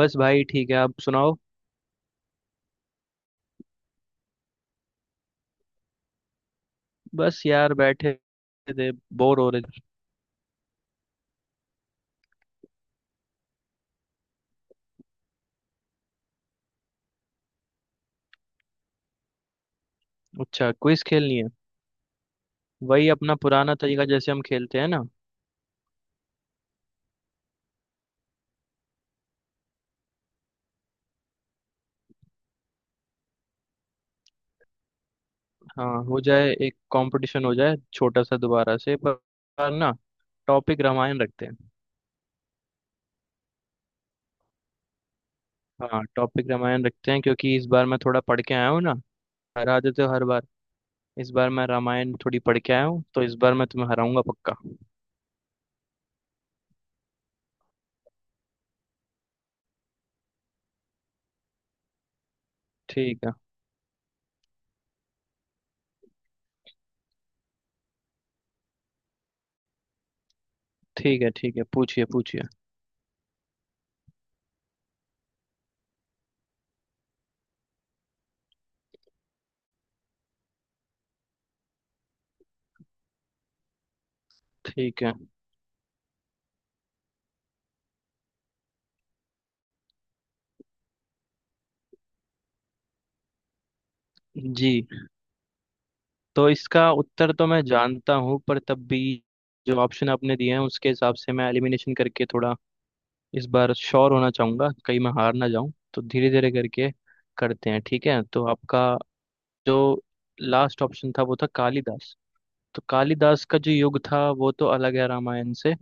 बस भाई ठीक है। आप सुनाओ। बस यार बैठे थे, बोर हो रहे थे। अच्छा, क्विज खेलनी है। वही अपना पुराना तरीका जैसे हम खेलते हैं ना। हाँ, हो जाए। एक कंपटीशन हो जाए छोटा सा दोबारा से, पर ना टॉपिक रामायण रखते हैं। हाँ, टॉपिक रामायण रखते हैं क्योंकि इस बार मैं थोड़ा पढ़ के आया हूँ ना। हरा देते हो हर बार। इस बार मैं रामायण थोड़ी पढ़ के आया हूँ तो इस बार मैं तुम्हें हराऊंगा पक्का। ठीक है। ठीक है। ठीक है, पूछिए पूछिए। ठीक है। जी, तो इसका उत्तर तो मैं जानता हूँ पर तब भी जो ऑप्शन आपने दिए हैं उसके हिसाब से मैं एलिमिनेशन करके थोड़ा इस बार श्योर होना चाहूंगा, कहीं मैं हार ना जाऊं, तो धीरे धीरे करके करते हैं। ठीक है, तो आपका जो लास्ट ऑप्शन था वो था कालिदास। तो कालिदास का जो युग था वो तो अलग है रामायण से,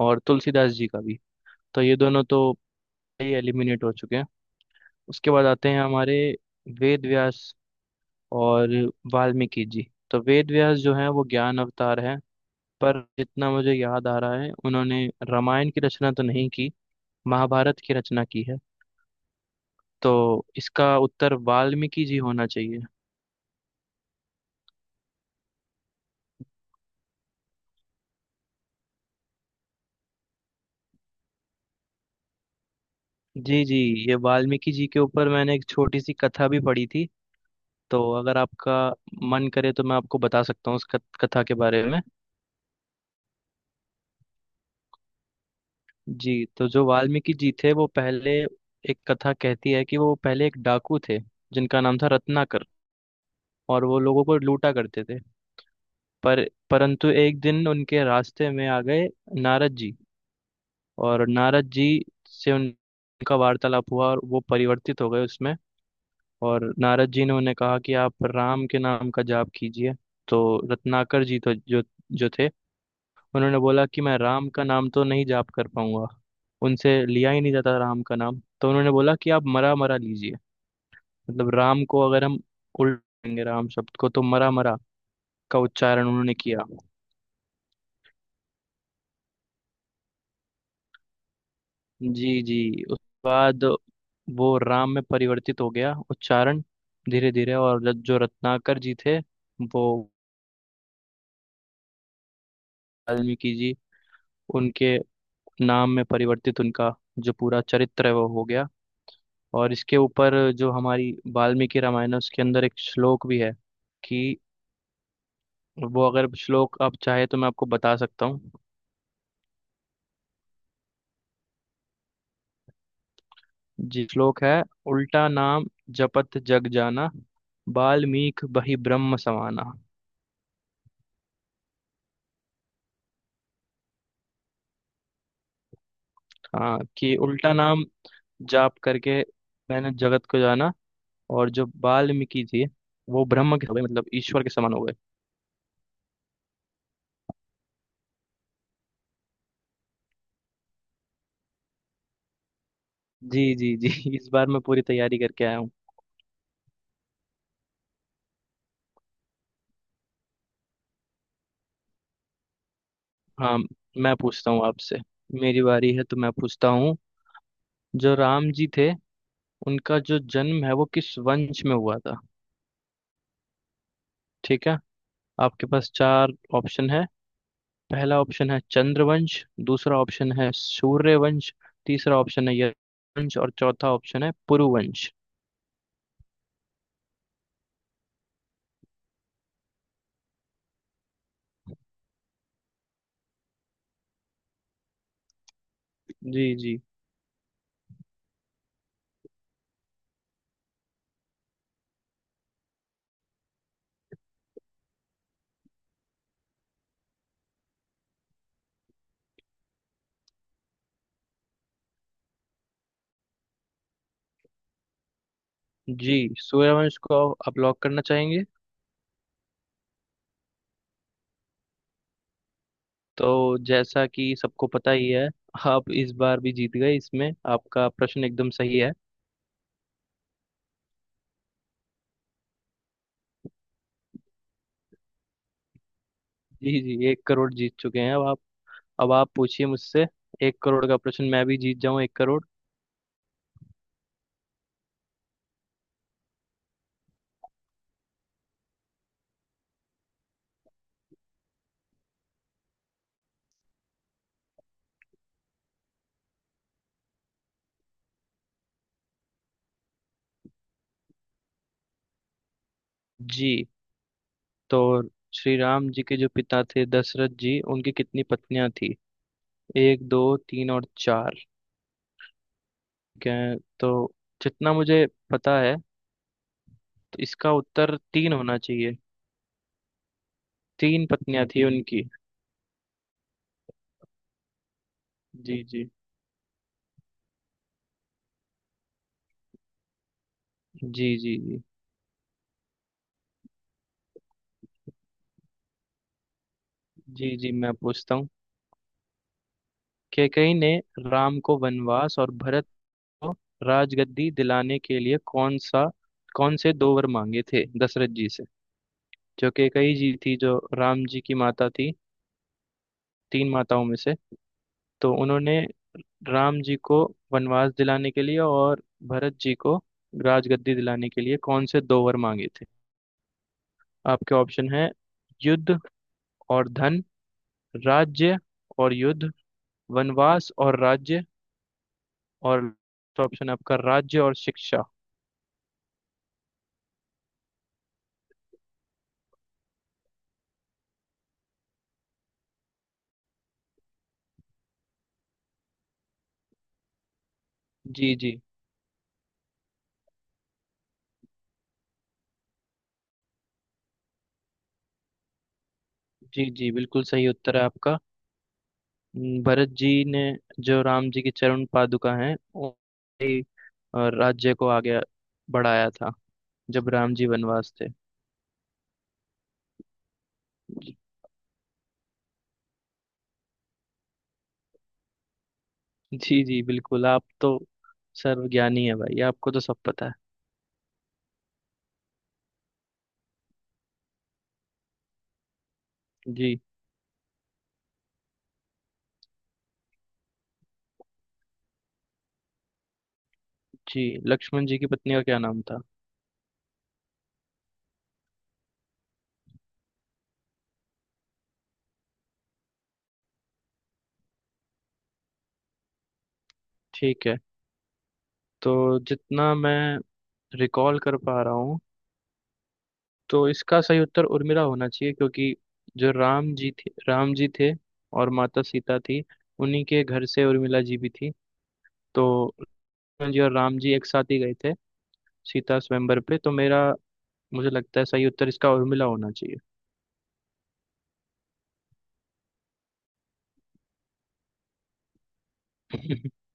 और तुलसीदास जी का भी। तो ये दोनों तो एलिमिनेट हो चुके हैं। उसके बाद आते हैं हमारे वेद व्यास और वाल्मीकि जी। तो वेद व्यास जो है वो ज्ञान अवतार है, पर जितना मुझे याद आ रहा है उन्होंने रामायण की रचना तो नहीं की, महाभारत की रचना की है। तो इसका उत्तर वाल्मीकि जी होना चाहिए। जी जी। ये वाल्मीकि जी के ऊपर मैंने एक छोटी सी कथा भी पढ़ी थी, तो अगर आपका मन करे तो मैं आपको बता सकता हूँ उस कथा के बारे में। जी, तो जो वाल्मीकि जी थे वो पहले, एक कथा कहती है कि वो पहले एक डाकू थे जिनका नाम था रत्नाकर, और वो लोगों को लूटा करते थे। पर परंतु एक दिन उनके रास्ते में आ गए नारद जी, और नारद जी से उनका वार्तालाप हुआ और वो परिवर्तित हो गए उसमें। और नारद जी ने उन्हें कहा कि आप राम के नाम का जाप कीजिए। तो रत्नाकर जी तो जो जो थे, उन्होंने बोला कि मैं राम का नाम तो नहीं जाप कर पाऊंगा, उनसे लिया ही नहीं जाता राम का नाम। तो उन्होंने बोला कि आप मरा मरा लीजिए, मतलब राम को अगर हम उल्टेंगे, राम शब्द को, तो मरा मरा का उच्चारण उन्होंने किया। जी जी। उस बाद वो राम में परिवर्तित हो गया उच्चारण धीरे धीरे। और जो रत्नाकर जी थे वो वाल्मीकि जी, उनके नाम में परिवर्तित, उनका जो पूरा चरित्र है वो हो गया। और इसके ऊपर जो हमारी वाल्मीकि रामायण है उसके अंदर एक श्लोक भी है कि, वो अगर श्लोक आप चाहे तो मैं आपको बता सकता हूँ। जी, श्लोक है, उल्टा नाम जपत जग जाना, वाल्मीकि बहि ब्रह्म समाना। हाँ कि उल्टा नाम जाप करके मैंने जगत को जाना, और जो वाल्मीकि जी वो ब्रह्म के हो गए, मतलब ईश्वर के समान हो गए। जी जी जी। इस बार मैं पूरी तैयारी करके आया हूँ। हाँ, मैं पूछता हूँ आपसे। मेरी बारी है तो मैं पूछता हूँ। जो राम जी थे, उनका जो जन्म है वो किस वंश में हुआ था? ठीक है। आपके पास चार ऑप्शन है। पहला ऑप्शन है चंद्रवंश। दूसरा ऑप्शन है सूर्यवंश। तीसरा ऑप्शन है यश वंश। और चौथा ऑप्शन है पुरुवंश। जी जी। जी, सूर्यवंश को आप लॉक करना चाहेंगे? तो जैसा कि सबको पता ही है, आप इस बार भी जीत गए इसमें। आपका प्रश्न एकदम सही है। जी जी, एक करोड़ जीत चुके हैं अब आप। अब आप पूछिए मुझसे, एक करोड़ का प्रश्न मैं भी जीत जाऊं, एक करोड़। जी, तो श्री राम जी के जो पिता थे दशरथ जी, उनकी कितनी पत्नियां थी? एक, दो, तीन और चार। ठीक है, तो जितना मुझे पता है तो इसका उत्तर तीन होना चाहिए। तीन पत्नियां थी उनकी। जी जी। जी जी। जी जी जी। मैं पूछता हूँ, कैकई ने राम को वनवास और भरत को राजगद्दी दिलाने के लिए कौन से दो वर मांगे थे दशरथ जी से? जो कैकई जी थी, जो राम जी की माता थी तीन माताओं में से, तो उन्होंने राम जी को वनवास दिलाने के लिए और भरत जी को राजगद्दी दिलाने के लिए कौन से दो वर मांगे थे? आपके ऑप्शन है, युद्ध और धन, राज्य और युद्ध, वनवास और राज्य, और ऑप्शन आपका राज्य और शिक्षा। जी जी। जी जी, बिल्कुल सही उत्तर है आपका। भरत जी ने जो राम जी की चरण पादुका हैं उन्होंने ही राज्य को आगे बढ़ाया था, जब राम जी वनवास थे। जी जी, बिल्कुल, आप तो सर्वज्ञानी है भाई, आपको तो सब पता है। जी जी। लक्ष्मण जी की पत्नी का क्या नाम था? ठीक है, तो जितना मैं रिकॉल कर पा रहा हूँ तो इसका सही उत्तर उर्मिला होना चाहिए, क्योंकि जो राम जी थे और माता सीता थी, उन्हीं के घर से उर्मिला जी भी थी। तो उर्मिला जी और राम जी एक साथ ही गए थे सीता स्वयंवर पे। तो मेरा मुझे लगता है सही उत्तर इसका उर्मिला होना चाहिए।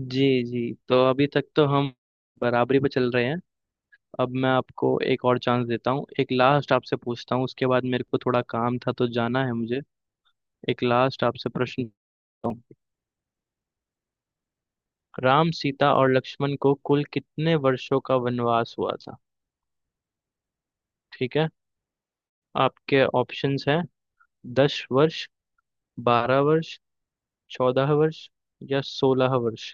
जी जी, तो अभी तक तो हम बराबरी पे चल रहे हैं। अब मैं आपको एक और चांस देता हूँ, एक लास्ट आपसे पूछता हूँ, उसके बाद मेरे को थोड़ा काम था तो जाना है मुझे। एक लास्ट आपसे प्रश्न पूछता हूँ। राम, सीता और लक्ष्मण को कुल कितने वर्षों का वनवास हुआ था? ठीक है। आपके ऑप्शंस हैं, 10 वर्ष, 12 वर्ष, 14 वर्ष या 16 वर्ष।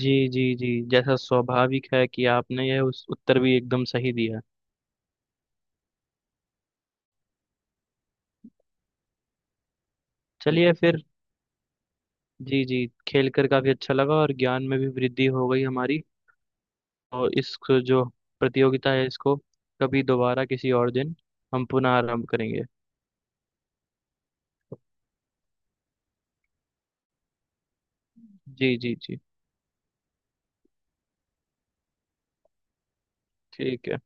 जी जी जी, जैसा स्वाभाविक है कि आपने यह उस उत्तर भी एकदम सही दिया। चलिए फिर। जी जी, खेल कर काफी अच्छा लगा और ज्ञान में भी वृद्धि हो गई हमारी। और इस जो प्रतियोगिता है इसको कभी दोबारा किसी और दिन हम पुनः आरंभ करेंगे। जी जी जी। ठीक है।